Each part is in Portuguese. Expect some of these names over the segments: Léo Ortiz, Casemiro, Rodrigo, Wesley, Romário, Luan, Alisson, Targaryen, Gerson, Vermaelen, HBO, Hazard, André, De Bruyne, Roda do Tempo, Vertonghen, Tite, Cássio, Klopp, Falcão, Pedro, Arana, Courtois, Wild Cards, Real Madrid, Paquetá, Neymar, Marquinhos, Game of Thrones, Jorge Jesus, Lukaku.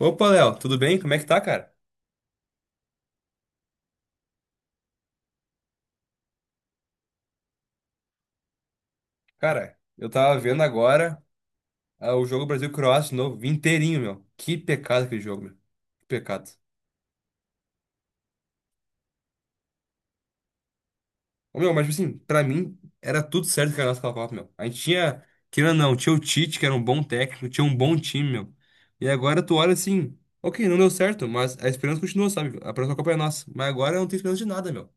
Opa, Léo, tudo bem? Como é que tá, cara? Cara, eu tava vendo agora o jogo Brasil-Croácia de novo, vi inteirinho, meu. Que pecado aquele jogo, meu. Que pecado. Ô, meu, mas tipo assim, pra mim era tudo certo que a nossa Copa, meu. A gente tinha, querendo ou não, tinha o Tite, que era um bom técnico, tinha um bom time, meu. E agora tu olha assim, ok, não deu certo, mas a esperança continua, sabe? A próxima Copa é nossa. Mas agora eu não tenho esperança de nada, meu.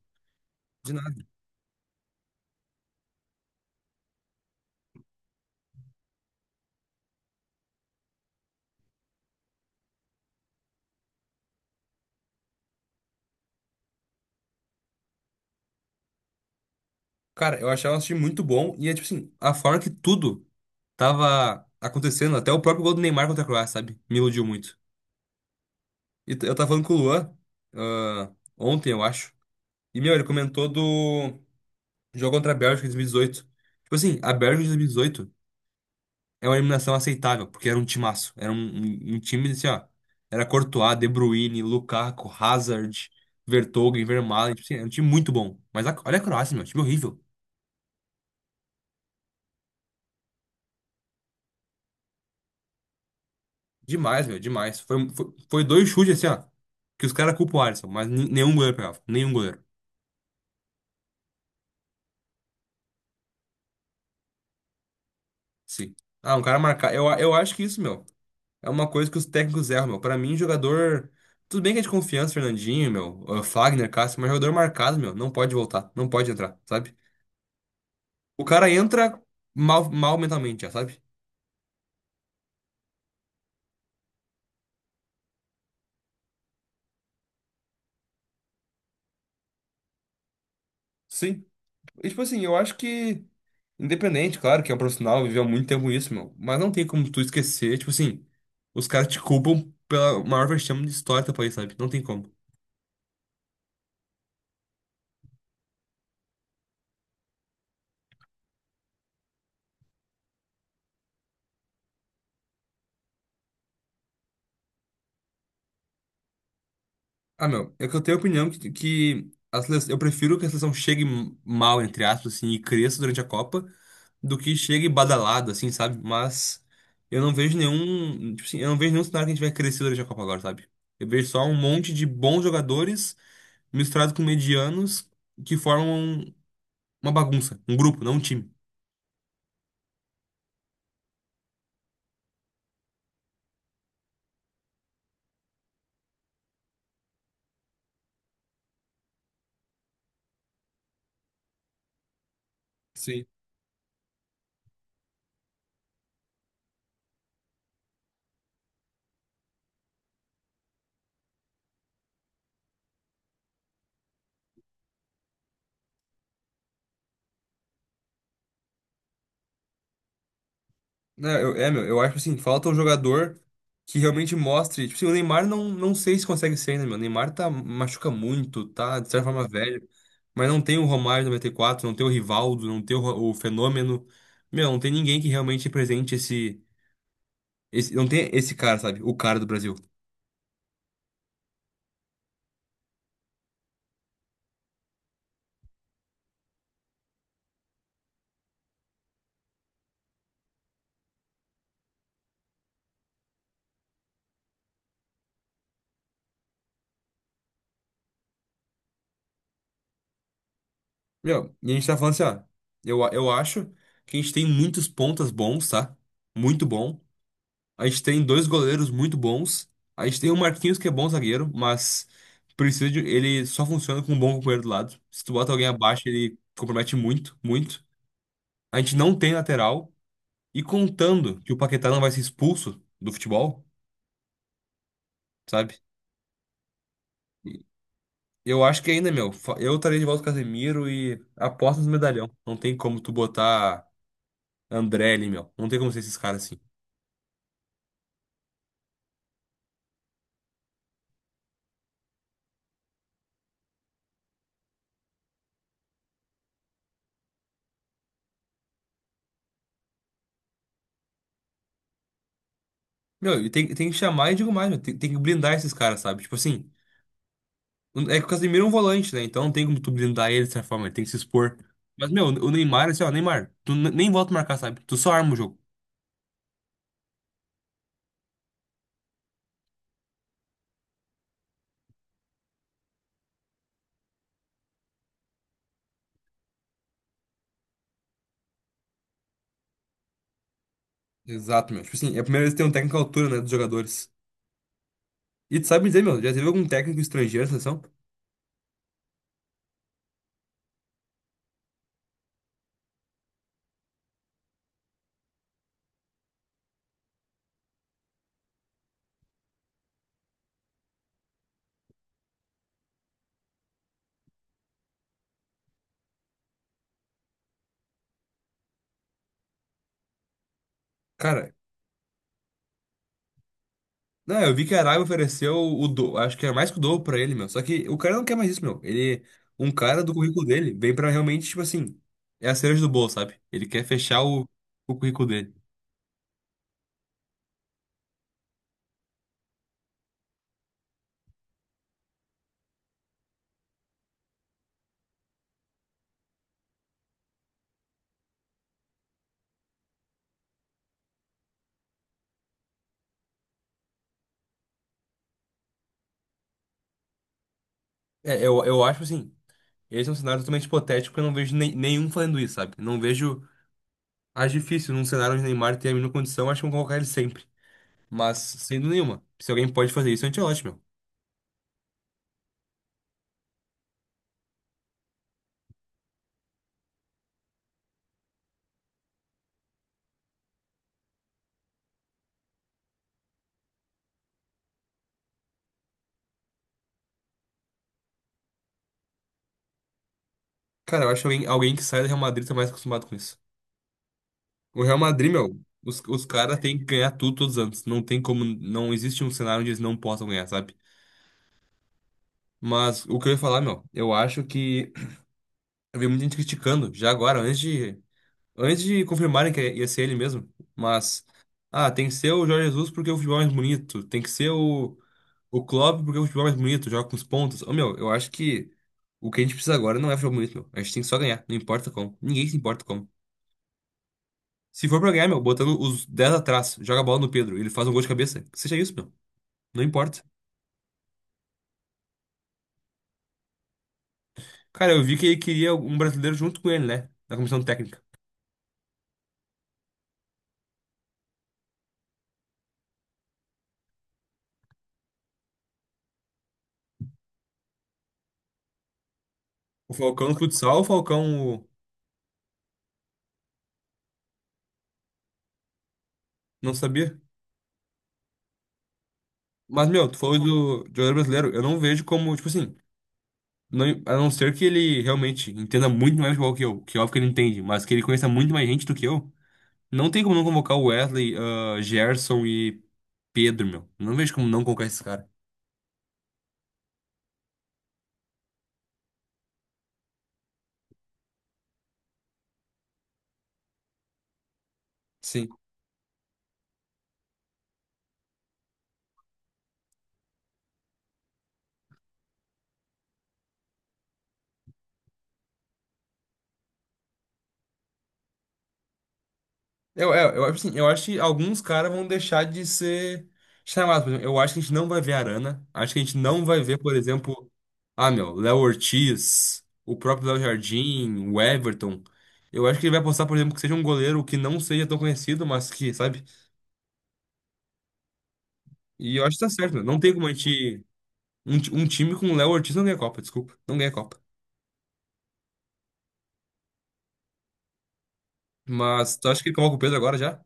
De nada. Cara, eu achava um time muito bom e é tipo assim, a forma que tudo tava acontecendo, até o próprio gol do Neymar contra a Croácia, sabe? Me iludiu muito. Eu tava falando com o Luan, ah, ontem, eu acho. E, meu, ele comentou do jogo contra a Bélgica em 2018. Tipo assim, a Bélgica de 2018 é uma eliminação aceitável, porque era um timaço. Era um time assim, ó. Era Courtois, De Bruyne, Lukaku, Hazard, Vertonghen, Vermaelen. Tipo assim, era um time muito bom. Olha a Croácia, meu, time horrível. Demais, meu, demais. Foi, foi, foi dois chutes assim, ó. Que os caras culpam o Alisson, mas nenhum goleiro pegava. Nenhum goleiro. Sim. Ah, um cara marcar. Eu acho que isso, meu, é uma coisa que os técnicos erram, meu. Pra mim, jogador. Tudo bem que é de confiança, Fernandinho, meu, Fagner, Cássio, mas jogador marcado, meu, não pode voltar, não pode entrar, sabe? O cara entra mal, mal mentalmente, já, sabe? Sim. E, tipo assim, eu acho que, independente, claro, que é um profissional, viveu há muito tempo isso, meu. Mas não tem como tu esquecer, tipo assim, os caras te culpam pela maior vexame de história do teu país, sabe? Não tem como. Ah, meu, é que eu tenho a opinião que a seleção, eu prefiro que a seleção chegue mal, entre aspas, assim, e cresça durante a Copa, do que chegue badalado, assim, sabe? Mas eu não vejo nenhum, tipo assim, eu não vejo nenhum cenário que a gente vai crescer durante a Copa agora, sabe? Eu vejo só um monte de bons jogadores misturados com medianos que formam uma bagunça, um grupo, não um time. Sim. Não, eu, é, Meu, eu acho assim, falta um jogador que realmente mostre. Tipo assim, o Neymar não, não sei se consegue ser ainda, meu. O Neymar tá, machuca muito, tá de certa forma velho. Mas não tem o Romário 94, não tem o Rivaldo, não tem o Fenômeno. Meu, não tem ninguém que realmente represente esse. Não tem esse cara, sabe? O cara do Brasil. Meu, e a gente tá falando assim, ó. Eu acho que a gente tem muitos pontas bons, tá? Muito bom. A gente tem dois goleiros muito bons. A gente tem o Marquinhos, que é bom zagueiro, mas precisa de, ele só funciona com um bom companheiro do lado. Se tu bota alguém abaixo, ele compromete muito, muito. A gente não tem lateral. E contando que o Paquetá não vai ser expulso do futebol, sabe? E Eu acho que ainda, meu, eu estaria de volta com o Casemiro e aposta nos medalhão. Não tem como tu botar André ali, meu. Não tem como ser esses caras assim. Meu, e tem que chamar e digo mais, meu. Tem que blindar esses caras, sabe? Tipo assim. É que o Casemiro é um volante, né? Então não tem como tu blindar ele dessa forma, ele tem que se expor. Mas, meu, o Neymar, assim, ó, Neymar, nem volta a marcar, sabe? Tu só arma o jogo. Exato, meu. Tipo assim, é a primeira vez que tem um técnico à altura, né, dos jogadores. E tu sabe dizer, meu, já teve algum técnico estrangeiro na seleção? Cara, não, eu vi que a Arábia ofereceu o do, acho que é mais que o dobro pra ele, meu. Só que o cara não quer mais isso, meu. Ele, um cara do currículo dele, vem pra realmente, tipo assim, é a cereja do bolo, sabe? Ele quer fechar o currículo dele. Eu acho assim. Esse é um cenário totalmente hipotético, porque eu não vejo nenhum fazendo isso, sabe? Não vejo. Acho difícil num cenário onde Neymar tem a mínima condição, acho que vão colocar ele sempre. Mas, sem dúvida nenhuma. Se alguém pode fazer isso, Ancelotti, meu. Cara, eu acho que alguém, alguém que sai do Real Madrid tá mais acostumado com isso. O Real Madrid, meu, os caras têm que ganhar tudo todos os anos. Não tem como. Não existe um cenário onde eles não possam ganhar, sabe? Mas o que eu ia falar, meu, eu acho que. Eu vi muita gente criticando, já agora, antes de antes de confirmarem que ia ser ele mesmo, mas. Ah, tem que ser o Jorge Jesus porque o futebol é mais bonito. Tem que ser o Klopp porque o futebol é mais bonito, joga com os pontos. Ô, meu, eu acho que o que a gente precisa agora não é futebol bonito, meu. A gente tem que só ganhar, não importa como. Ninguém se importa como. Se for pra ganhar, meu, botando os 10 atrás, joga a bola no Pedro, ele faz um gol de cabeça. Que seja isso, meu. Não importa. Cara, eu vi que ele queria um brasileiro junto com ele, né? Na comissão técnica. O Falcão no futsal, o Falcão. O- Não sabia. Mas, meu, tu falou do de jogador brasileiro. Eu não vejo como, tipo assim. Não, a não ser que ele realmente entenda muito mais de futebol que eu, que óbvio que ele entende, mas que ele conheça muito mais gente do que eu, não tem como não convocar o Wesley, Gerson e Pedro, meu. Não vejo como não convocar esses caras. Sim. Acho assim, eu acho que alguns caras vão deixar de ser chamados. Por exemplo, eu acho que a gente não vai ver Arana. Acho que a gente não vai ver, por exemplo, meu, Léo Ortiz, o próprio Léo Jardim, o Everton. Eu acho que ele vai apostar, por exemplo, que seja um goleiro que não seja tão conhecido, mas que, sabe? E eu acho que tá certo, né? Não tem como a gente. Um time com o Léo Ortiz não ganha Copa, desculpa. Não ganha Copa. Mas tu acha que coloca o Pedro agora já?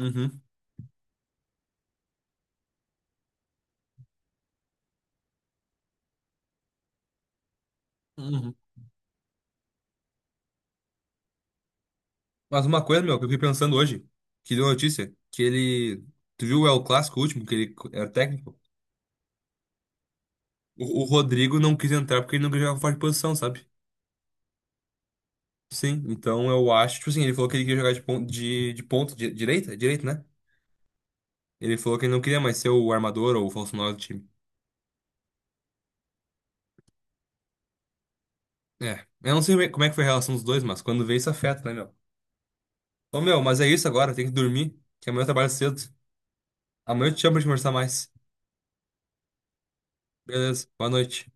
Uhum. Uhum. Mas uma coisa, meu, que eu fiquei pensando hoje, que deu notícia, que ele. Tu viu o El Clássico último, que ele era técnico? O Rodrigo não quis entrar porque ele não queria jogar fora de posição, sabe? Sim, então eu acho, tipo assim, ele falou que ele queria jogar de ponta, de ponta, direita, direito, né? Ele falou que ele não queria mais ser o armador ou o falso nove do time. É, eu não sei como é que foi a relação dos dois, mas quando vê isso afeta, né, meu? Ô meu, mas é isso agora, tem que dormir, que amanhã eu trabalho cedo. Amanhã eu te chamo pra gente conversar mais. Beleza, boa noite.